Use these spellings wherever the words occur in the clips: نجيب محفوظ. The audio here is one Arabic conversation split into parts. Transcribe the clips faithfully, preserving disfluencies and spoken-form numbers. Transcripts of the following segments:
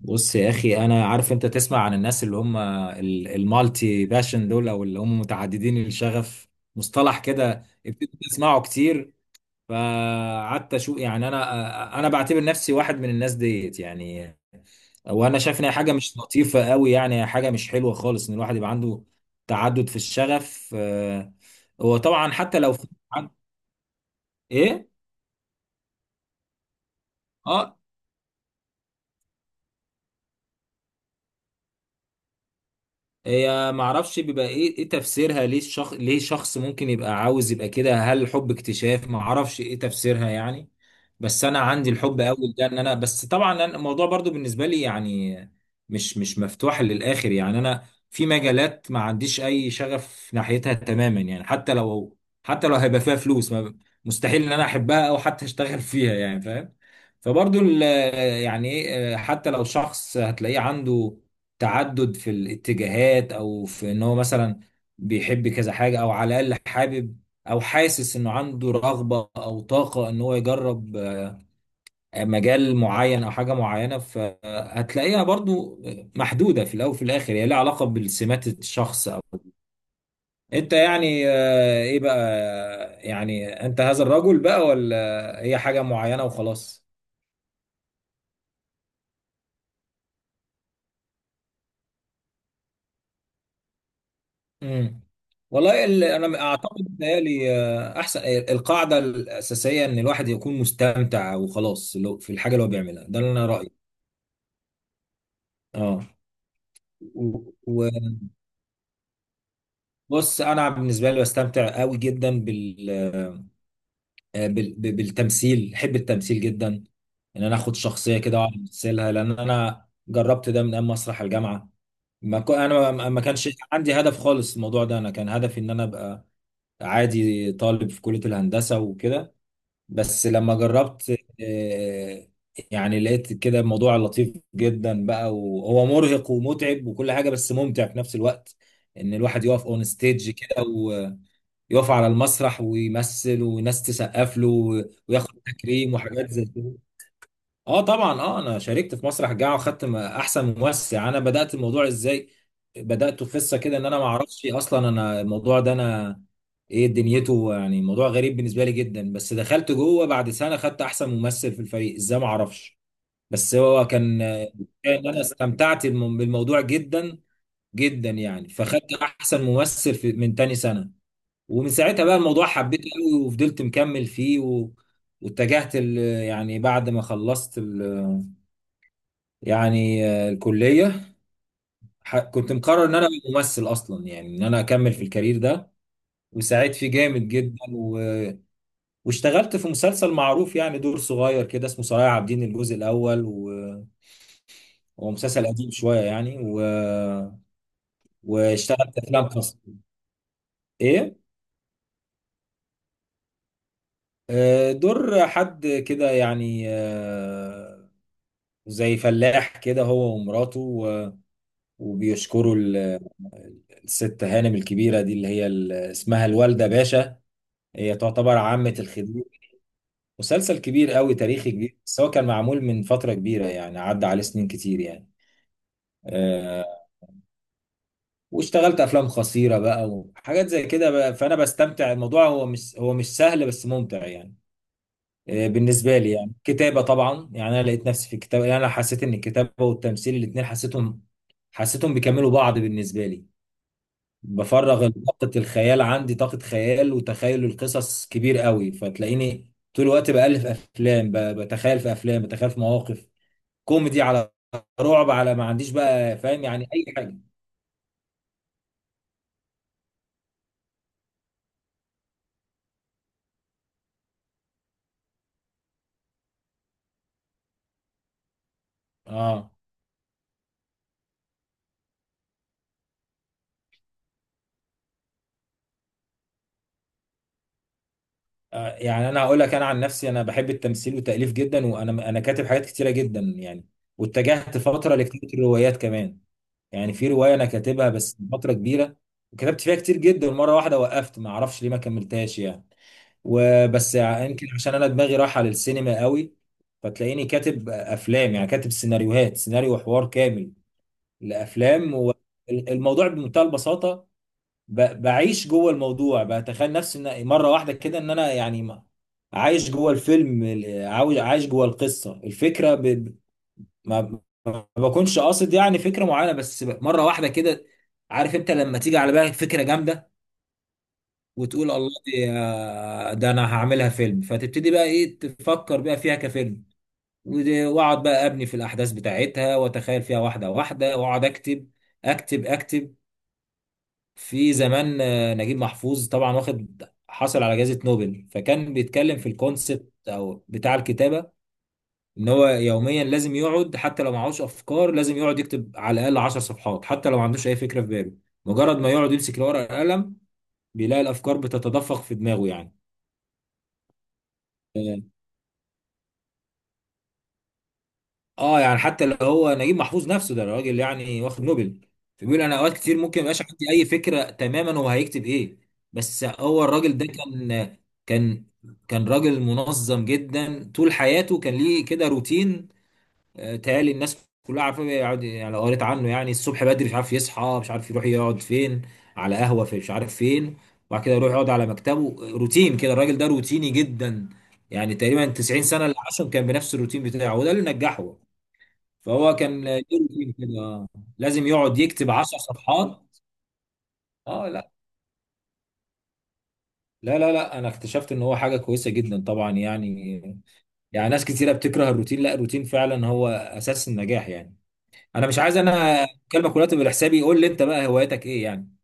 بص يا اخي، انا عارف انت تسمع عن الناس اللي هم ال- المالتي باشن دول، او اللي هم متعددين الشغف. مصطلح كده ابتديت اسمعه كتير، فقعدت اشوف. يعني انا انا بعتبر نفسي واحد من الناس ديت يعني. وانا شايف ان هي حاجه مش لطيفه قوي، يعني هي حاجه مش حلوه خالص، ان الواحد يبقى عنده تعدد في الشغف. آه، هو طبعا حتى لو في ايه. اه، هي معرفش بيبقى ايه ايه تفسيرها، ليه الشخص ليه شخص ممكن يبقى عاوز يبقى كده؟ هل الحب اكتشاف؟ معرفش ايه تفسيرها يعني. بس انا عندي الحب اول ده ان انا بس، طبعا أنا الموضوع برضو بالنسبه لي يعني مش مش مفتوح للاخر يعني. انا في مجالات ما عنديش اي شغف ناحيتها تماما يعني، حتى لو حتى لو هيبقى فيها فلوس، ما- مستحيل ان انا احبها او حتى اشتغل فيها، يعني فاهم. فبرضو ال- يعني ايه، حتى لو شخص هتلاقيه عنده تعدد في الاتجاهات، او في ان هو مثلا بيحب كذا حاجة، او على الاقل حابب او حاسس انه عنده رغبة او طاقة ان هو يجرب آه، مجال معين او حاجة معينة، فهتلاقيها برضو محدودة. في الاول وفي الاخر هي لها علاقة بالسمات الشخص او انت يعني. آه، ايه بقى، يعني انت هذا الرجل بقى، ولا هي حاجة معينة وخلاص؟ امم. والله ال- انا بس اعتقد بيتهيألي آه، احسن آه، القاعده الاساسيه ان الواحد يكون مستمتع وخلاص، لو- في الحاجه اللي هو بيعملها. ده اللي انا رايي. اه. وبص، انا بالنسبه لي بستمتع قوي جدا بال... آه، بال... ب- بالتمثيل، بحب التمثيل جدا. ان انا اخد شخصيه كده واقعد امثلها، لان انا جربت ده من ايام مسرح الجامعه. ما كو... انا ما ما كانش عندي هدف خالص الموضوع ده. انا كان هدفي ان انا ابقى عادي طالب في كليه الهندسه وكده. بس لما جربت، آه، يعني لقيت كده الموضوع لطيف جدا بقى، وهو مرهق ومتعب وكل حاجة، بس ممتع في نفس الوقت. ان الواحد يقف اون ستيج كده، ويقف على المسرح ويمثل، والناس تسقف له وياخد تكريم وحاجات زي كده. اه طبعا، اه انا شاركت في مسرح جاعة، وخدت م- احسن ممثل. يعني انا بدات الموضوع ازاي؟ بداته في قصه كده ان انا ما اعرفش اصلا انا الموضوع ده انا ايه دنيته، يعني موضوع غريب بالنسبه لي جدا. بس دخلت جوه، بعد سنه خدت احسن ممثل في الفريق، ازاي ما اعرفش. بس هو كان ان انا استمتعت بالم- بالموضوع جدا جدا يعني، فخدت احسن ممثل في من تاني سنه. ومن ساعتها بقى الموضوع حبيته قوي، وفضلت مكمل فيه و... واتجهت ال... يعني بعد ما خلصت يعني آه، الكلية، ح- كنت مقرر ان انا أبقى ممثل اصلا، يعني ان انا اكمل في الكارير ده. وساعدت فيه جامد جدا و... واشتغلت في مسلسل معروف، يعني دور صغير كده، اسمه صلاح عابدين الجزء الاول و... هو مسلسل قديم شوية يعني و... واشتغلت افلام قصيرة. ايه، آه، دور حد كده يعني، آه، زي فلاح كده، هو ومراته و... وبيشكروا ال... الست هانم الكبيرة دي اللي هي ال- اسمها الوالدة باشا، هي تعتبر عامة الخديوي. مسلسل كبير قوي، تاريخي كبير، بس هو كان معمول من فترة كبيرة، يعني عدى عليه سنين كتير يعني. آه. واشتغلت افلام قصيرة بقى، وحاجات زي كده بقى، فانا بستمتع. الموضوع هو مش، هو مش سهل، بس ممتع يعني. آه بالنسبة لي يعني كتابة طبعا. يعني انا لقيت نفسي في الكتابة، يعني انا حسيت ان الكتابة والتمثيل الاتنين حسيتهم حسيتهم بيكملوا بعض بالنسبة لي. بفرغ طاقة الخيال، عندي طاقة خيال وتخيل القصص كبير قوي، فتلاقيني طول الوقت بألف أفلام، ب- بتخيل في أفلام، بتخيل في مواقف كوميدي، على رعب، على ما عنديش بقى فاهم يعني، أي حاجة. آه. آه، يعني أنا هقول لك، أنا عن نفسي أنا بحب التمثيل والتأليف جدا، وأنا أنا كاتب حاجات كتيرة جدا يعني. واتجهت فترة لكتابة الروايات كمان، يعني في رواية أنا كاتبها بس فترة كبيرة، وكتبت فيها كتير جدا مرة واحدة، وقفت ما أعرفش ليه، ما كملتهاش يعني. وبس، ع- يمكن عشان انا دماغي رايحه للسينما قوي، فتلاقيني كاتب افلام، يعني كاتب سيناريوهات، سيناريو وحوار كامل لافلام. والموضوع بمنتهى البساطه، ب- بعيش جوه الموضوع، بتخيل نفسي ان مره واحده كده ان انا يعني ما- عايش جوه الفيلم، ال- عاو- عايش جوه القصه، الفكره ب... ب- ما ما بكونش قاصد يعني فكره معينه، بس ب- مره واحده كده. عارف انت لما تيجي على بالك فكره جامده، وتقول الله دي، ده انا هعملها فيلم؟ فتبتدي بقى ايه، تفكر بقى فيها كفيلم، ودي- واقعد بقى ابني في الاحداث بتاعتها واتخيل فيها واحده واحده، واقعد اكتب اكتب اكتب. في زمان آه، نجيب محفوظ طبعا، واخد، حصل على جائزه نوبل، فكان بيتكلم في الكونسبت او بتاع الكتابه ان هو يوميا لازم يقعد، حتى لو معهوش افكار لازم يقعد يكتب على الاقل 10 صفحات، حتى لو ما عندوش اي فكره في باله. مجرد ما يقعد يمسك الورقه والقلم، بيلاقي الافكار بتتدفق في دماغه يعني. اه، يعني حتى اللي هو نجيب محفوظ نفسه ده راجل يعني واخد نوبل، فبيقول انا اوقات كتير ممكن ميبقاش عندي اي فكره تماما، هو هيكتب ايه؟ بس هو الراجل ده كان، كان، كان راجل منظم جدا. طول حياته كان ليه كده روتين. آه، تهيألي الناس كلها عارفه، بيقعد يعني، لو قريت عنه يعني، الصبح بدري مش عارف يصحى، مش عارف يروح يقعد فين، على قهوه في مش عارف فين، وبعد كده يروح يقعد على مكتبه. روتين كده، الراجل ده روتيني جدا، يعني تقريبا تسعين سنة سنه اللي عاشهم كان بنفس الروتين بتاعه، وده اللي نجحه. فهو كان جيركين كده آه. لازم يقعد يكتب 10 صفحات. اه، لا لا لا لا، انا اكتشفت ان هو حاجه كويسه جدا طبعا يعني. يعني ناس كتيره بتكره الروتين، لا، الروتين فعلا هو اساس النجاح يعني. انا مش عايز انا كلمه كلها تبقى لحسابي، قول لي انت بقى هوايتك ايه يعني.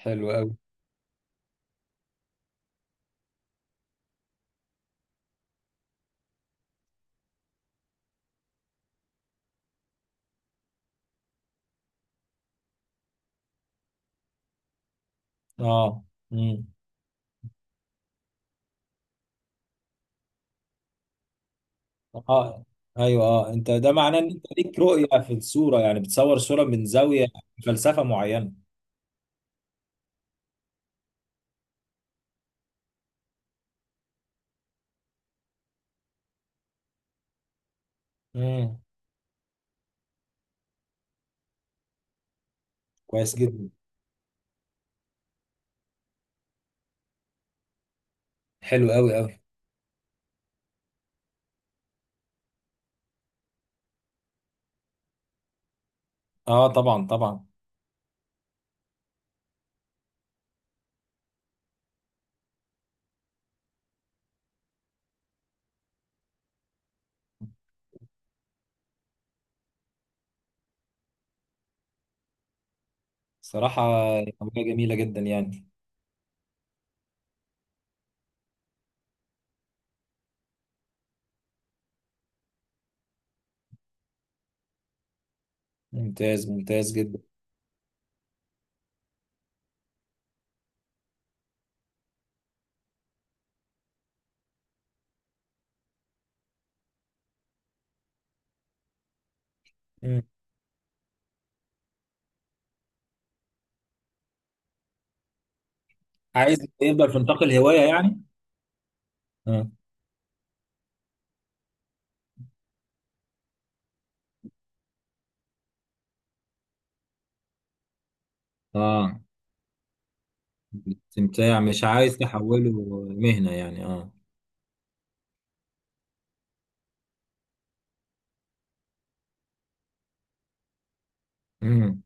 حلو قوي. اه. امم. اه. ايوه، اه انت ده معناه ان انت ليك رؤيه في الصوره، يعني بتصور الصوره من زاويه فلسفه معينه. امم. كويس جدا. حلو قوي قوي. اه طبعا طبعا. صراحة هواية جميلة جدا يعني. ممتاز ممتاز جدا. مم. عايز يبقى في نطاق الهواية يعني، اه. اه. استمتاع، مش عايز تحوله مهنة يعني، اه. امم.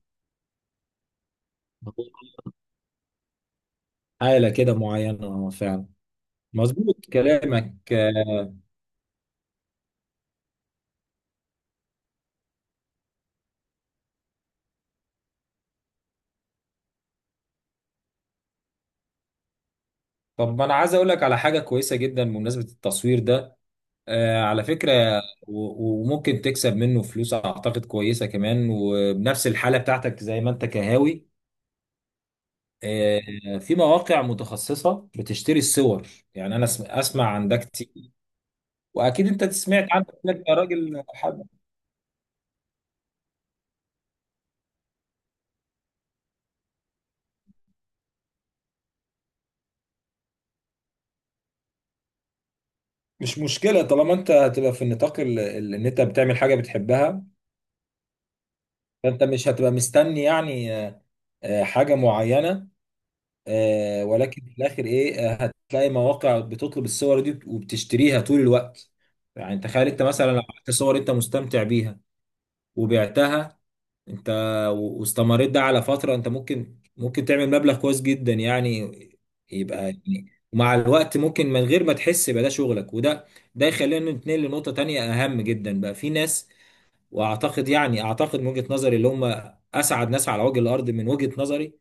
حالة كده معينة، اه فعلا. مظبوط كلامك. آه، طب ما انا عايز اقول لك على حاجة كويسة جدا بمناسبة التصوير ده، آه، على فكرة، و- وممكن تكسب منه فلوس اعتقد كويسة كمان، وبنفس الحالة بتاعتك زي ما انت كهاوي. آه، في مواقع متخصصة بتشتري الصور، يعني أنا أسم- أسمع عن ده كتير، وأكيد أنت سمعت عنه كتير يا راجل حب. مش مشكلة طالما أنت هتبقى في النطاق، ال- ال- إن أنت بتعمل حاجة بتحبها. فأنت مش هتبقى مستني يعني، آه، آه، حاجة معينة. آه، ولكن في الآخر إيه، آه، هتلاقي مواقع بتطلب الصور دي وبتشتريها طول الوقت. يعني تخيل أنت مثلا لو عملت صور أنت مستمتع بيها وبعتها انت، و- واستمريت ده على فترة، انت ممكن، ممكن تعمل مبلغ كويس جدا يعني. يبقى يعني، ومع الوقت ممكن من غير ما تحس يبقى ده شغلك. وده، ده يخلينا نتنقل لنقطة تانية أهم جدا. بقى في ناس، وأعتقد يعني، أعتقد من وجهة نظري، اللي هم أسعد ناس على وجه الأرض من وجهة نظري،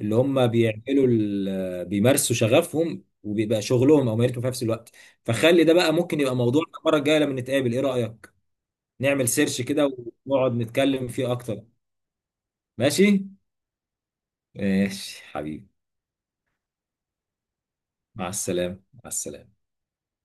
اللي هم بيعملوا ال- بيمارسوا شغفهم وبيبقى شغلهم أو مهنتهم في نفس الوقت. فخلي ده بقى ممكن يبقى موضوع المرة الجاية لما نتقابل، إيه رأيك؟ نعمل سيرش كده، ونقعد نتكلم فيه أكتر. ماشي؟ ماشي حبيبي. مع السلامة، مع السلامة.